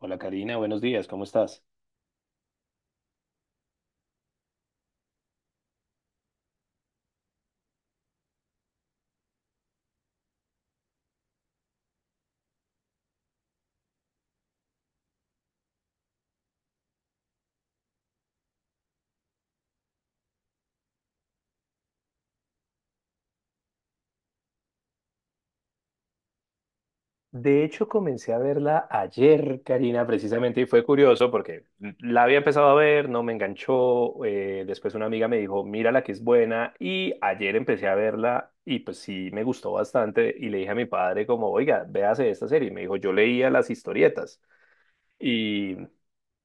Hola Karina, buenos días, ¿cómo estás? De hecho, comencé a verla ayer, Karina, precisamente, y fue curioso porque la había empezado a ver, no me enganchó, después una amiga me dijo, mírala que es buena, y ayer empecé a verla y pues sí, me gustó bastante, y le dije a mi padre como, oiga, véase esta serie, y me dijo, yo leía las historietas. y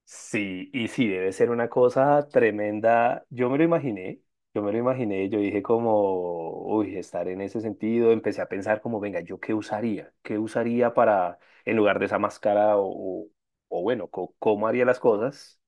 Sí, y sí, debe ser una cosa tremenda. Yo me lo imaginé, yo dije como, uy, estar en ese sentido, empecé a pensar como, venga, ¿yo qué usaría? ¿Qué usaría para, en lugar de esa máscara o, o bueno, cómo haría las cosas?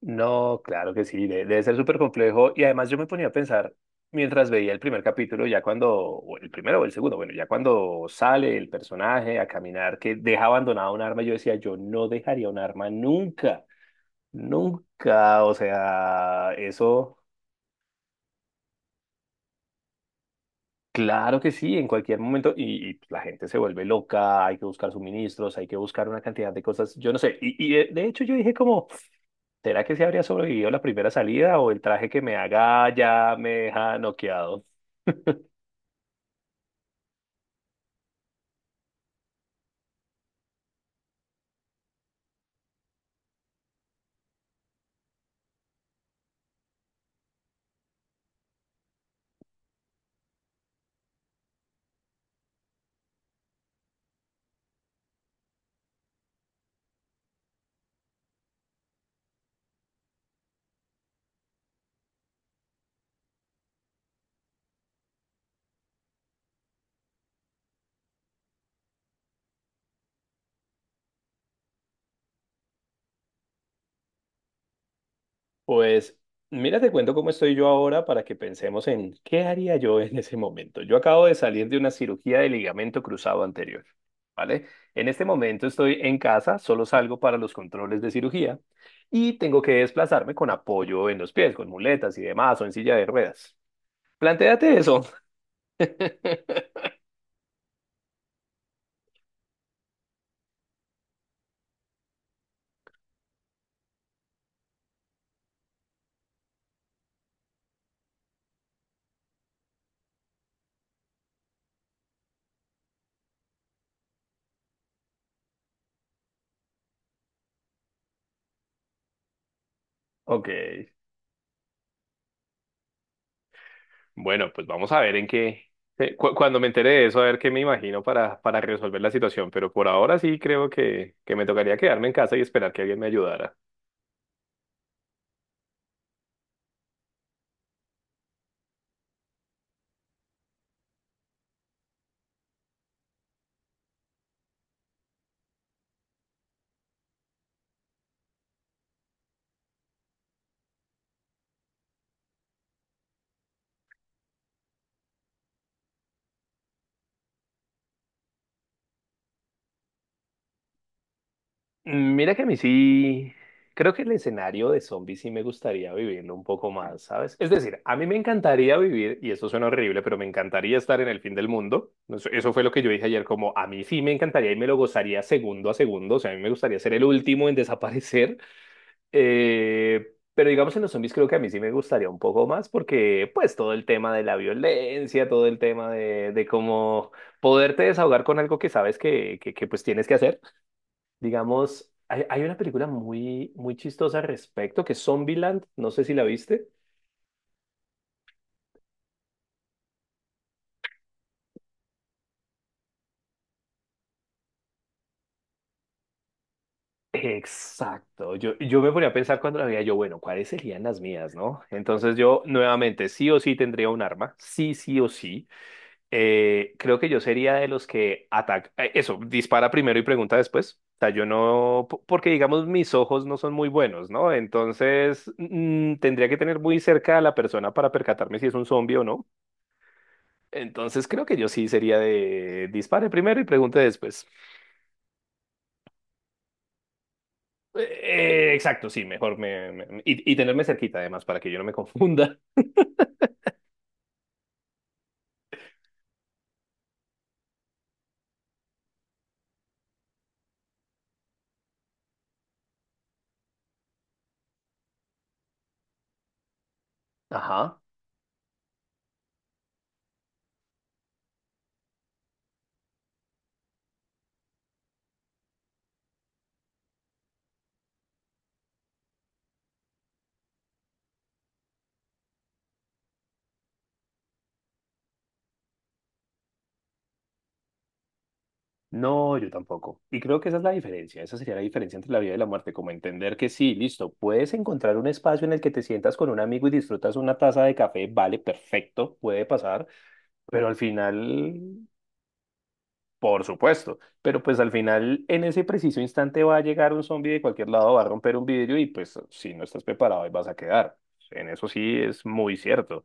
No, claro que sí, debe ser súper complejo. Y además yo me ponía a pensar, mientras veía el primer capítulo, ya cuando, o el primero o el segundo, bueno, ya cuando sale el personaje a caminar, que deja abandonada un arma, yo decía, yo no dejaría un arma nunca. Nunca, o sea, eso, claro que sí, en cualquier momento, y la gente se vuelve loca, hay que buscar suministros, hay que buscar una cantidad de cosas, yo no sé, y de hecho yo dije como, ¿será que se habría sobrevivido la primera salida o el traje que me haga ya me deja noqueado? Pues mira, te cuento cómo estoy yo ahora para que pensemos en qué haría yo en ese momento. Yo acabo de salir de una cirugía de ligamento cruzado anterior, ¿vale? En este momento estoy en casa, solo salgo para los controles de cirugía y tengo que desplazarme con apoyo en los pies, con muletas y demás, o en silla de ruedas. Plantéate eso. Ok. Bueno, pues vamos a ver en qué, cuando me entere de eso, a ver qué me imagino para resolver la situación, pero por ahora sí creo que me tocaría quedarme en casa y esperar que alguien me ayudara. Mm, mira que a mí sí, creo que el escenario de zombies sí me gustaría vivirlo un poco más, ¿sabes? Es decir, a mí me encantaría vivir, y eso suena horrible, pero me encantaría estar en el fin del mundo. Eso fue lo que yo dije ayer, como a mí sí me encantaría y me lo gozaría segundo a segundo, o sea, a mí me gustaría ser el último en desaparecer. Pero digamos en los zombies creo que a mí sí me gustaría un poco más porque pues todo el tema de la violencia, todo el tema de cómo poderte desahogar con algo que sabes que pues tienes que hacer. Digamos, hay una película muy, muy chistosa al respecto que es Zombieland, no sé si la viste. Exacto, yo me ponía a pensar cuando la veía yo, bueno, ¿cuáles serían las mías, no? Entonces yo nuevamente sí o sí tendría un arma, sí, sí o sí. Creo que yo sería de los que ataca, eso, dispara primero y pregunta después. O sea, yo no, porque digamos mis ojos no son muy buenos, ¿no? Entonces tendría que tener muy cerca a la persona para percatarme si es un zombie o no. Entonces creo que yo sí sería de dispare primero y pregunte después. Eh, exacto, sí, mejor y tenerme cerquita además para que yo no me confunda. Ajá. No, yo tampoco. Y creo que esa es la diferencia, esa sería la diferencia entre la vida y la muerte, como entender que sí, listo, puedes encontrar un espacio en el que te sientas con un amigo y disfrutas una taza de café, vale, perfecto, puede pasar, pero al final, por supuesto, pero pues al final en ese preciso instante va a llegar un zombie de cualquier lado, va a romper un vidrio y pues si no estás preparado ahí vas a quedar. En eso sí es muy cierto.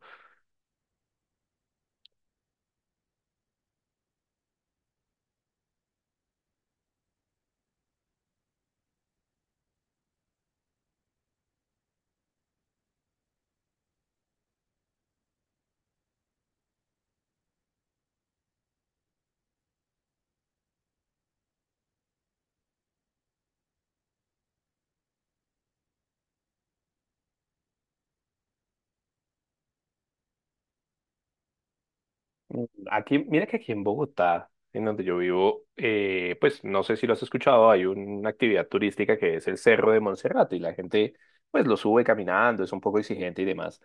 Mm, aquí, mira que aquí en Bogotá, en donde yo vivo, pues no sé si lo has escuchado, hay una actividad turística que es el Cerro de Monserrate y la gente pues lo sube caminando, es un poco exigente y demás.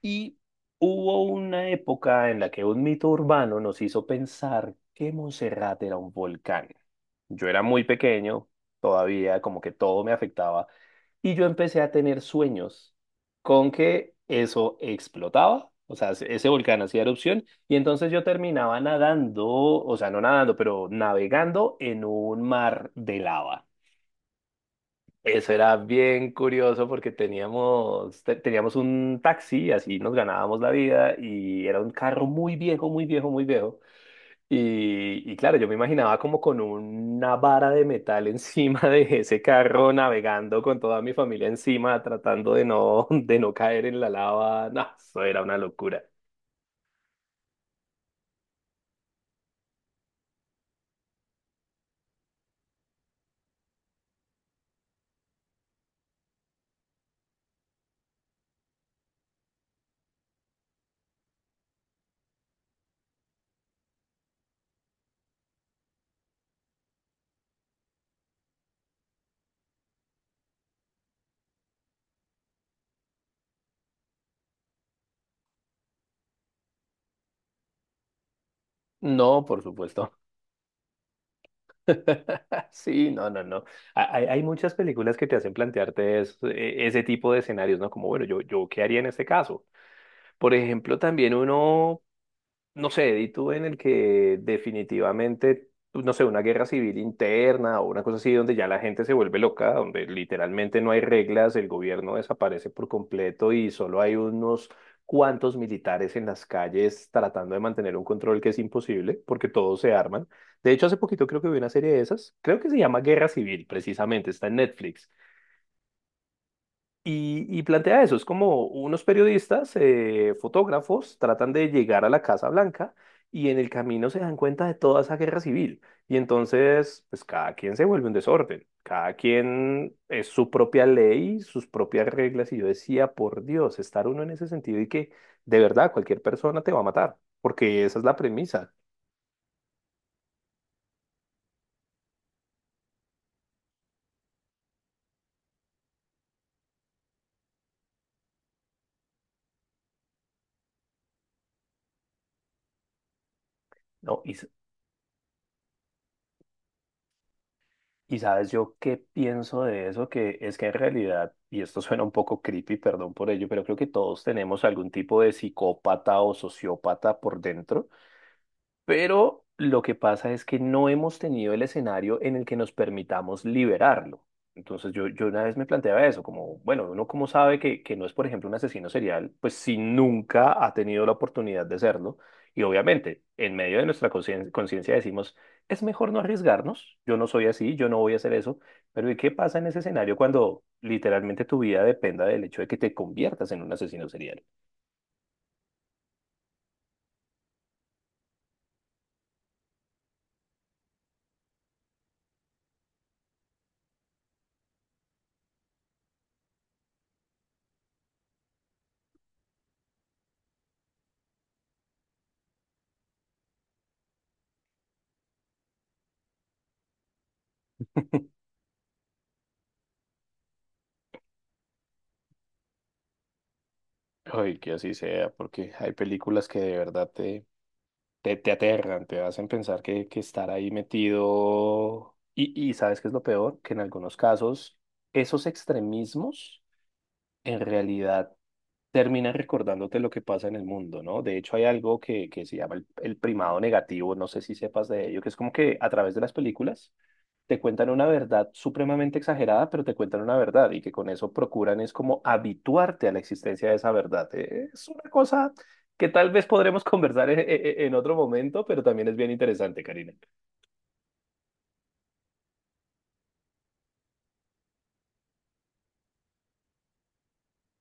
Y hubo una época en la que un mito urbano nos hizo pensar que Monserrate era un volcán. Yo era muy pequeño, todavía como que todo me afectaba, y yo empecé a tener sueños con que eso explotaba, o sea, ese volcán hacía erupción, y entonces yo terminaba nadando, o sea, no nadando, pero navegando en un mar de lava. Eso era bien curioso porque teníamos un taxi, así nos ganábamos la vida y era un carro muy viejo, muy viejo, muy viejo. Y claro, yo me imaginaba como con una vara de metal encima de ese carro navegando con toda mi familia encima, tratando de de no caer en la lava. No, eso era una locura. No, por supuesto. Sí, no, no, no. Hay muchas películas que te hacen plantearte ese tipo de escenarios, ¿no? Como, bueno, yo, ¿qué haría en este caso? Por ejemplo, también uno, no sé, di tú en el que definitivamente, pues, no sé, una guerra civil interna o una cosa así, donde ya la gente se vuelve loca, donde literalmente no hay reglas, el gobierno desaparece por completo y solo hay unos cuantos militares en las calles tratando de mantener un control que es imposible porque todos se arman. De hecho, hace poquito creo que vi una serie de esas, creo que se llama Guerra Civil, precisamente, está en Netflix. Y plantea eso, es como unos periodistas, fotógrafos, tratan de llegar a la Casa Blanca y en el camino se dan cuenta de toda esa guerra civil. Y entonces, pues cada quien se vuelve un desorden, cada quien es su propia ley, sus propias reglas. Y yo decía, por Dios, estar uno en ese sentido y que de verdad cualquier persona te va a matar, porque esa es la premisa, ¿no? Y sabes yo qué pienso de eso, que es que en realidad, y esto suena un poco creepy, perdón por ello, pero creo que todos tenemos algún tipo de psicópata o sociópata por dentro, pero lo que pasa es que no hemos tenido el escenario en el que nos permitamos liberarlo. Entonces yo una vez me planteaba eso, como, bueno, uno cómo sabe que no es, por ejemplo, un asesino serial, pues si nunca ha tenido la oportunidad de serlo. Y obviamente, en medio de nuestra conciencia decimos, es mejor no arriesgarnos, yo no soy así, yo no voy a hacer eso, pero ¿y qué pasa en ese escenario cuando literalmente tu vida dependa del hecho de que te conviertas en un asesino serial? Ay, que así sea, porque hay películas que de verdad te aterran, te hacen pensar que estar ahí metido. Y ¿sabes qué es lo peor? Que en algunos casos esos extremismos en realidad terminan recordándote lo que pasa en el mundo, ¿no? De hecho, hay algo que se llama el primado negativo, no sé si sepas de ello, que es como que a través de las películas te cuentan una verdad supremamente exagerada, pero te cuentan una verdad y que con eso procuran es como habituarte a la existencia de esa verdad. Es una cosa que tal vez podremos conversar en otro momento, pero también es bien interesante, Karina.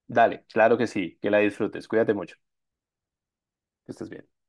Dale, claro que sí, que la disfrutes. Cuídate mucho, que estés bien.